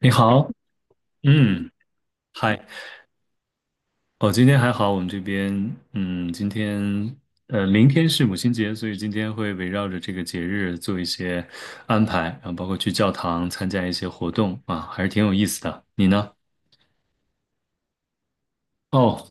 你好，嗯，嗨，哦，今天还好，我们这边，嗯，今天，明天是母亲节，所以今天会围绕着这个节日做一些安排，然后包括去教堂参加一些活动啊，还是挺有意思的。你呢？哦，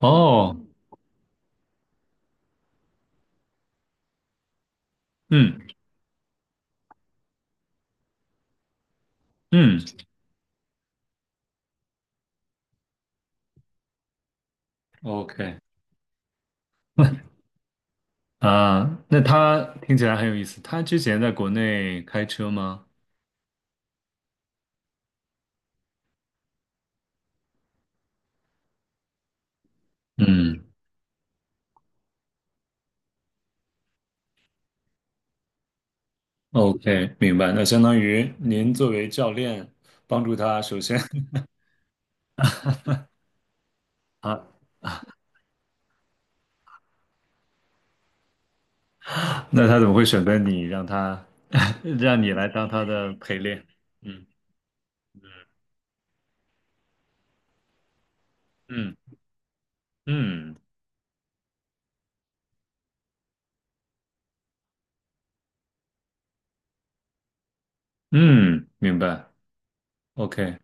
哦，嗯嗯，OK，啊，那他听起来很有意思。他之前在国内开车吗？嗯，OK，明白。那相当于您作为教练，帮助他，首先 啊。那他怎么会选择你，让他 让你来当他的陪练？嗯嗯嗯嗯，明白。OK，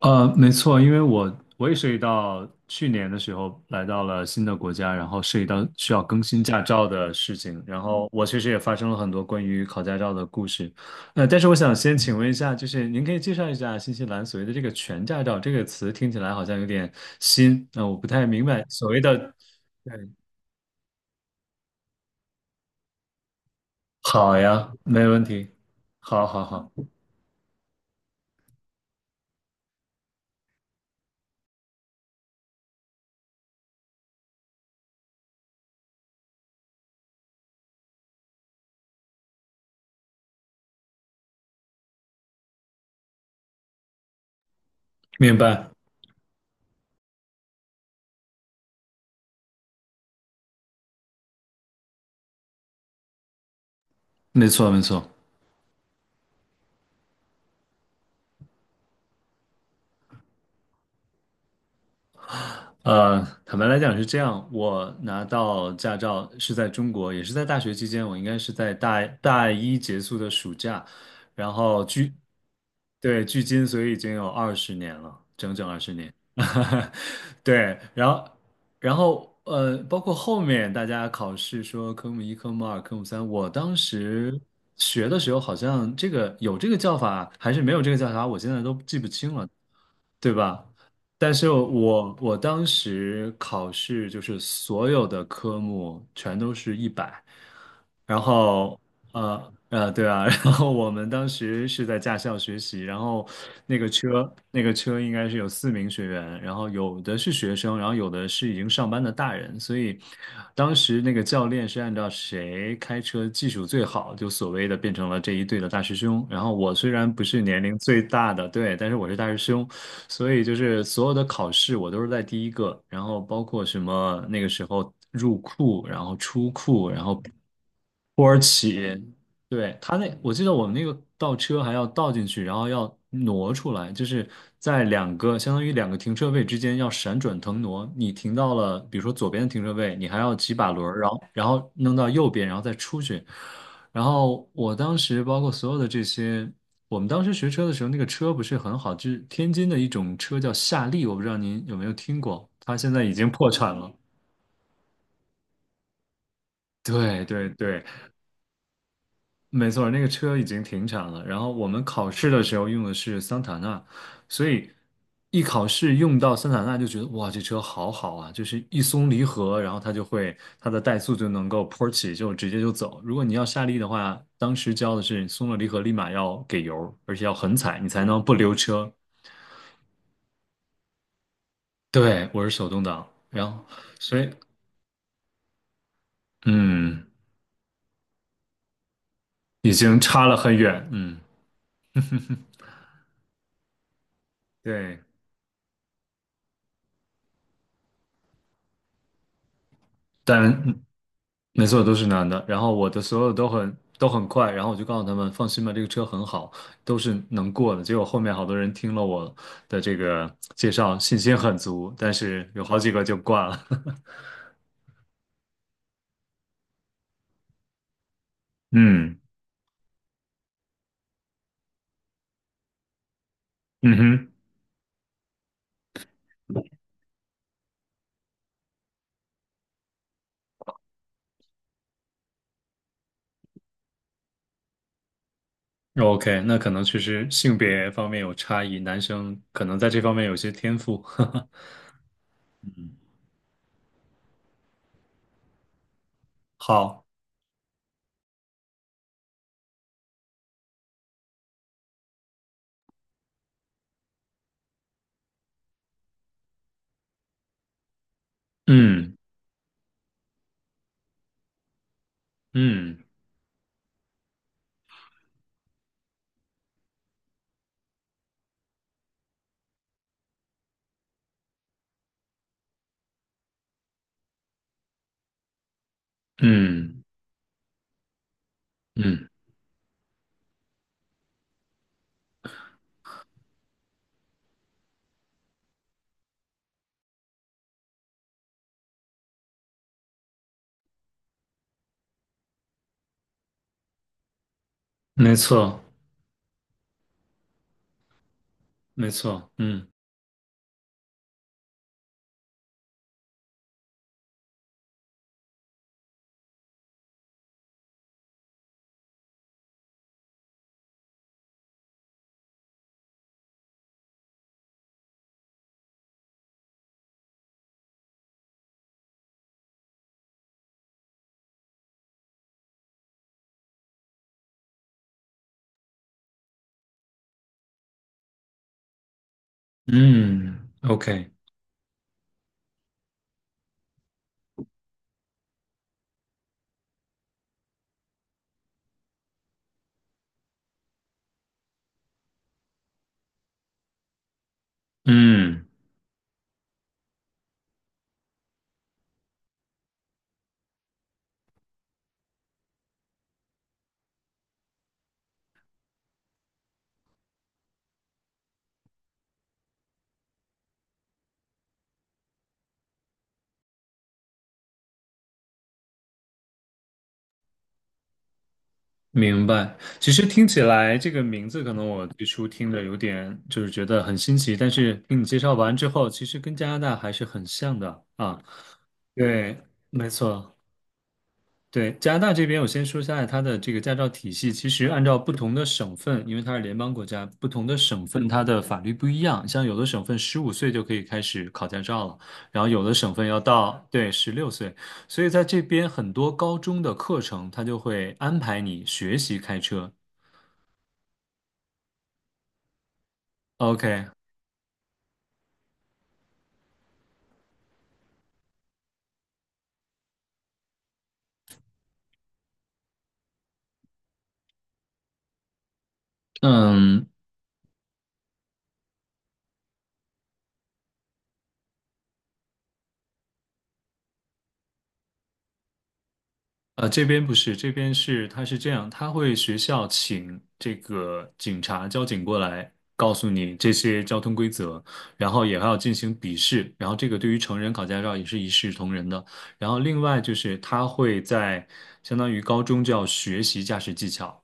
没错，因为我也涉及到去年的时候来到了新的国家，然后涉及到需要更新驾照的事情，然后我确实也发生了很多关于考驾照的故事。但是我想先请问一下，就是您可以介绍一下新西兰所谓的这个全驾照这个词，听起来好像有点新，那、我不太明白所谓的。好呀，没问题。好好好，明白，没错没错。坦白来讲是这样，我拿到驾照是在中国，也是在大学期间，我应该是在大一结束的暑假，然后，对，距今所以已经有二十年了，整整二十年。对，然后，包括后面大家考试说科目一、科目二、科目三，我当时学的时候好像这个有这个叫法，还是没有这个叫法，我现在都记不清了。对吧？但是我当时考试就是所有的科目全都是一百，然后对啊，然后我们当时是在驾校学习，然后那个车应该是有4名学员，然后有的是学生，然后有的是已经上班的大人，所以当时那个教练是按照谁开车技术最好，就所谓的变成了这一队的大师兄。然后我虽然不是年龄最大的，对，但是我是大师兄。所以就是所有的考试我都是在第一个，然后包括什么那个时候入库，然后出库，然后土耳其，对，我记得我们那个倒车还要倒进去，然后要挪出来，就是在两个相当于两个停车位之间要闪转腾挪。你停到了，比如说左边的停车位，你还要几把轮儿，然后弄到右边，然后再出去。然后我当时包括所有的这些，我们当时学车的时候，那个车不是很好，就是天津的一种车叫夏利，我不知道您有没有听过，它现在已经破产了。对对对，没错，那个车已经停产了。然后我们考试的时候用的是桑塔纳，所以一考试用到桑塔纳就觉得哇，这车好好啊！就是一松离合，然后它的怠速就能够坡起，就直接就走。如果你要下力的话，当时教的是松了离合立马要给油，而且要狠踩，你才能不溜车。对，我是手动挡，所以嗯，已经差了很远，对，但。没错，都是男的。然后我的所有都很都很快，然后我就告诉他们放心吧，这个车很好，都是能过的。结果后面好多人听了我的这个介绍，信心很足，但是有好几个就挂了。嗯嗯哼，OK，那可能确实性别方面有差异，男生可能在这方面有些天赋。好，嗯嗯嗯嗯，没错没错，嗯嗯，OK，嗯。明白，其实听起来这个名字，可能我最初听着有点就是觉得很新奇，但是听你介绍完之后，其实跟加拿大还是很像的啊。对，没错，对，加拿大这边我先说一下它的这个驾照体系，其实按照不同的省份，因为它是联邦国家，不同的省份它的法律不一样，像有的省份15岁就可以开始考驾照了，然后有的省份要到，对，16岁。所以在这边很多高中的课程，他就会安排你学习开车，OK，嗯，这边不是，这边是，他是这样，他会学校请这个警察、交警过来，告诉你这些交通规则，然后也还要进行笔试，然后这个对于成人考驾照也是一视同仁的。然后另外就是他会在相当于高中就要学习驾驶技巧，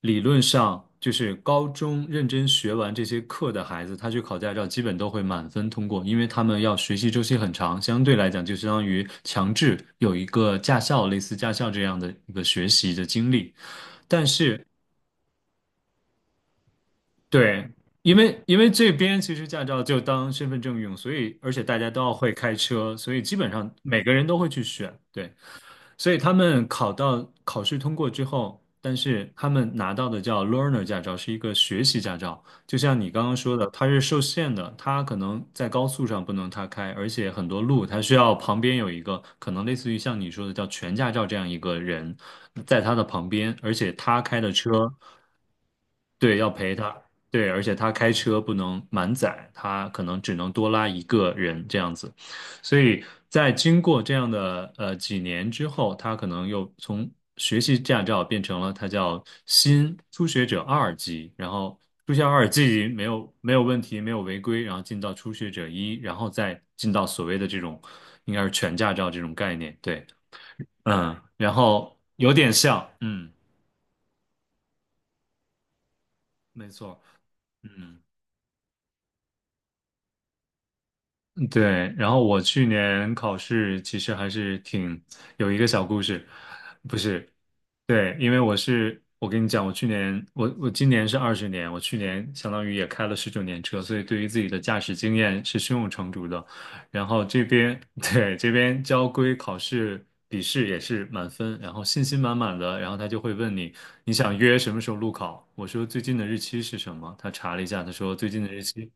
理论上就是高中认真学完这些课的孩子，他去考驾照基本都会满分通过，因为他们要学习周期很长，相对来讲就相当于强制有一个驾校，类似驾校这样的一个学习的经历。但是，对，因为这边其实驾照就当身份证用，所以而且大家都要会开车，所以基本上每个人都会去选。对。所以他们考试通过之后，但是他们拿到的叫 learner 驾照，是一个学习驾照。就像你刚刚说的，它是受限的，它可能在高速上不能他开，而且很多路他需要旁边有一个可能类似于像你说的叫全驾照这样一个人在他的旁边，而且他开的车。对，要陪他，对，而且他开车不能满载，他可能只能多拉一个人这样子，所以在经过这样的几年之后，他可能又从学习驾照变成了他叫新初学者二级，然后初学二级没有没有问题，没有违规，然后进到初学者一，然后再进到所谓的这种应该是全驾照这种概念，对，嗯，然后有点像，嗯，没错，嗯。对，然后我去年考试其实还是挺有一个小故事，不是，对，因为我跟你讲，我去年我今年是二十年，我去年相当于也开了19年车，所以对于自己的驾驶经验是胸有成竹的。然后这边 对，这边交规考试笔试也是满分，然后信心满满的，然后他就会问你，你想约什么时候路考？我说最近的日期是什么？他查了一下，他说最近的日期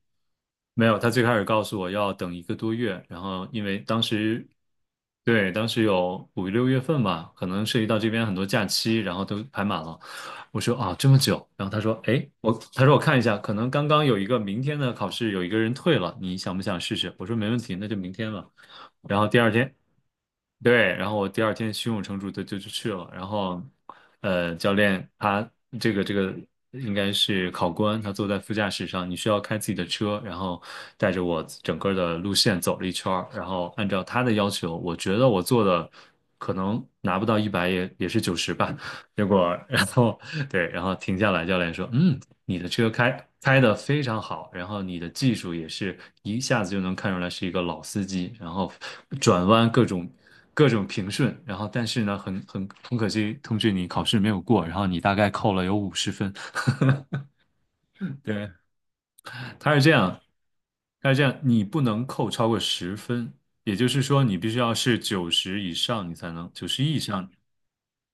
没有，他最开始告诉我要等一个多月，然后因为当时，对，当时有五六月份吧，可能涉及到这边很多假期，然后都排满了。我说啊，这么久。然后他说，哎，他说我看一下，可能刚刚有一个明天的考试有一个人退了，你想不想试试？我说没问题，那就明天吧。然后第二天，对，然后我第二天胸有成竹的就去了，然后，他这个应该是考官，他坐在副驾驶上，你需要开自己的车，然后带着我整个的路线走了一圈儿，然后按照他的要求，我觉得我做的可能拿不到一百也是九十吧，结果然后对，然后停下来，教练说，嗯，你的车开的非常好，然后你的技术也是一下子就能看出来是一个老司机，然后转弯各种平顺，然后但是呢，很可惜，同学你考试没有过，然后你大概扣了有五十分，对，它是这样，它是这样，你不能扣超过十分，也就是说，你必须要是九十以上，你才能九十以上，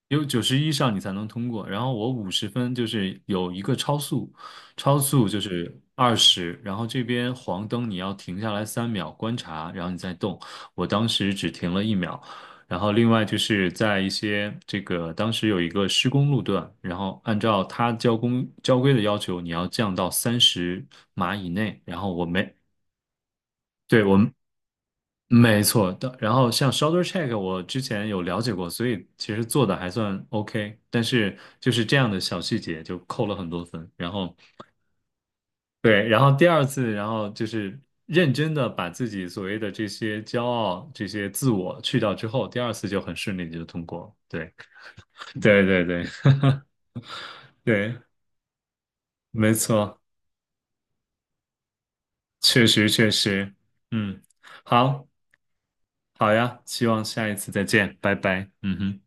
有九十以上你才能通过。然后我五十分就是有一个超速，超速就是二十，然后这边黄灯你要停下来3秒观察，然后你再动。我当时只停了1秒，然后另外就是在一些这个当时有一个施工路段，然后按照它交规的要求，你要降到30码以内。然后我没，对，我没错的。然后像 shoulder check，我之前有了解过，所以其实做的还算 OK。但是就是这样的小细节就扣了很多分。然后对，然后第二次，然后就是认真的把自己所谓的这些骄傲、这些自我去掉之后，第二次就很顺利地就通过了。对。对对对对，没错，确实确实，嗯，好，好呀，希望下一次再见，拜拜，嗯哼。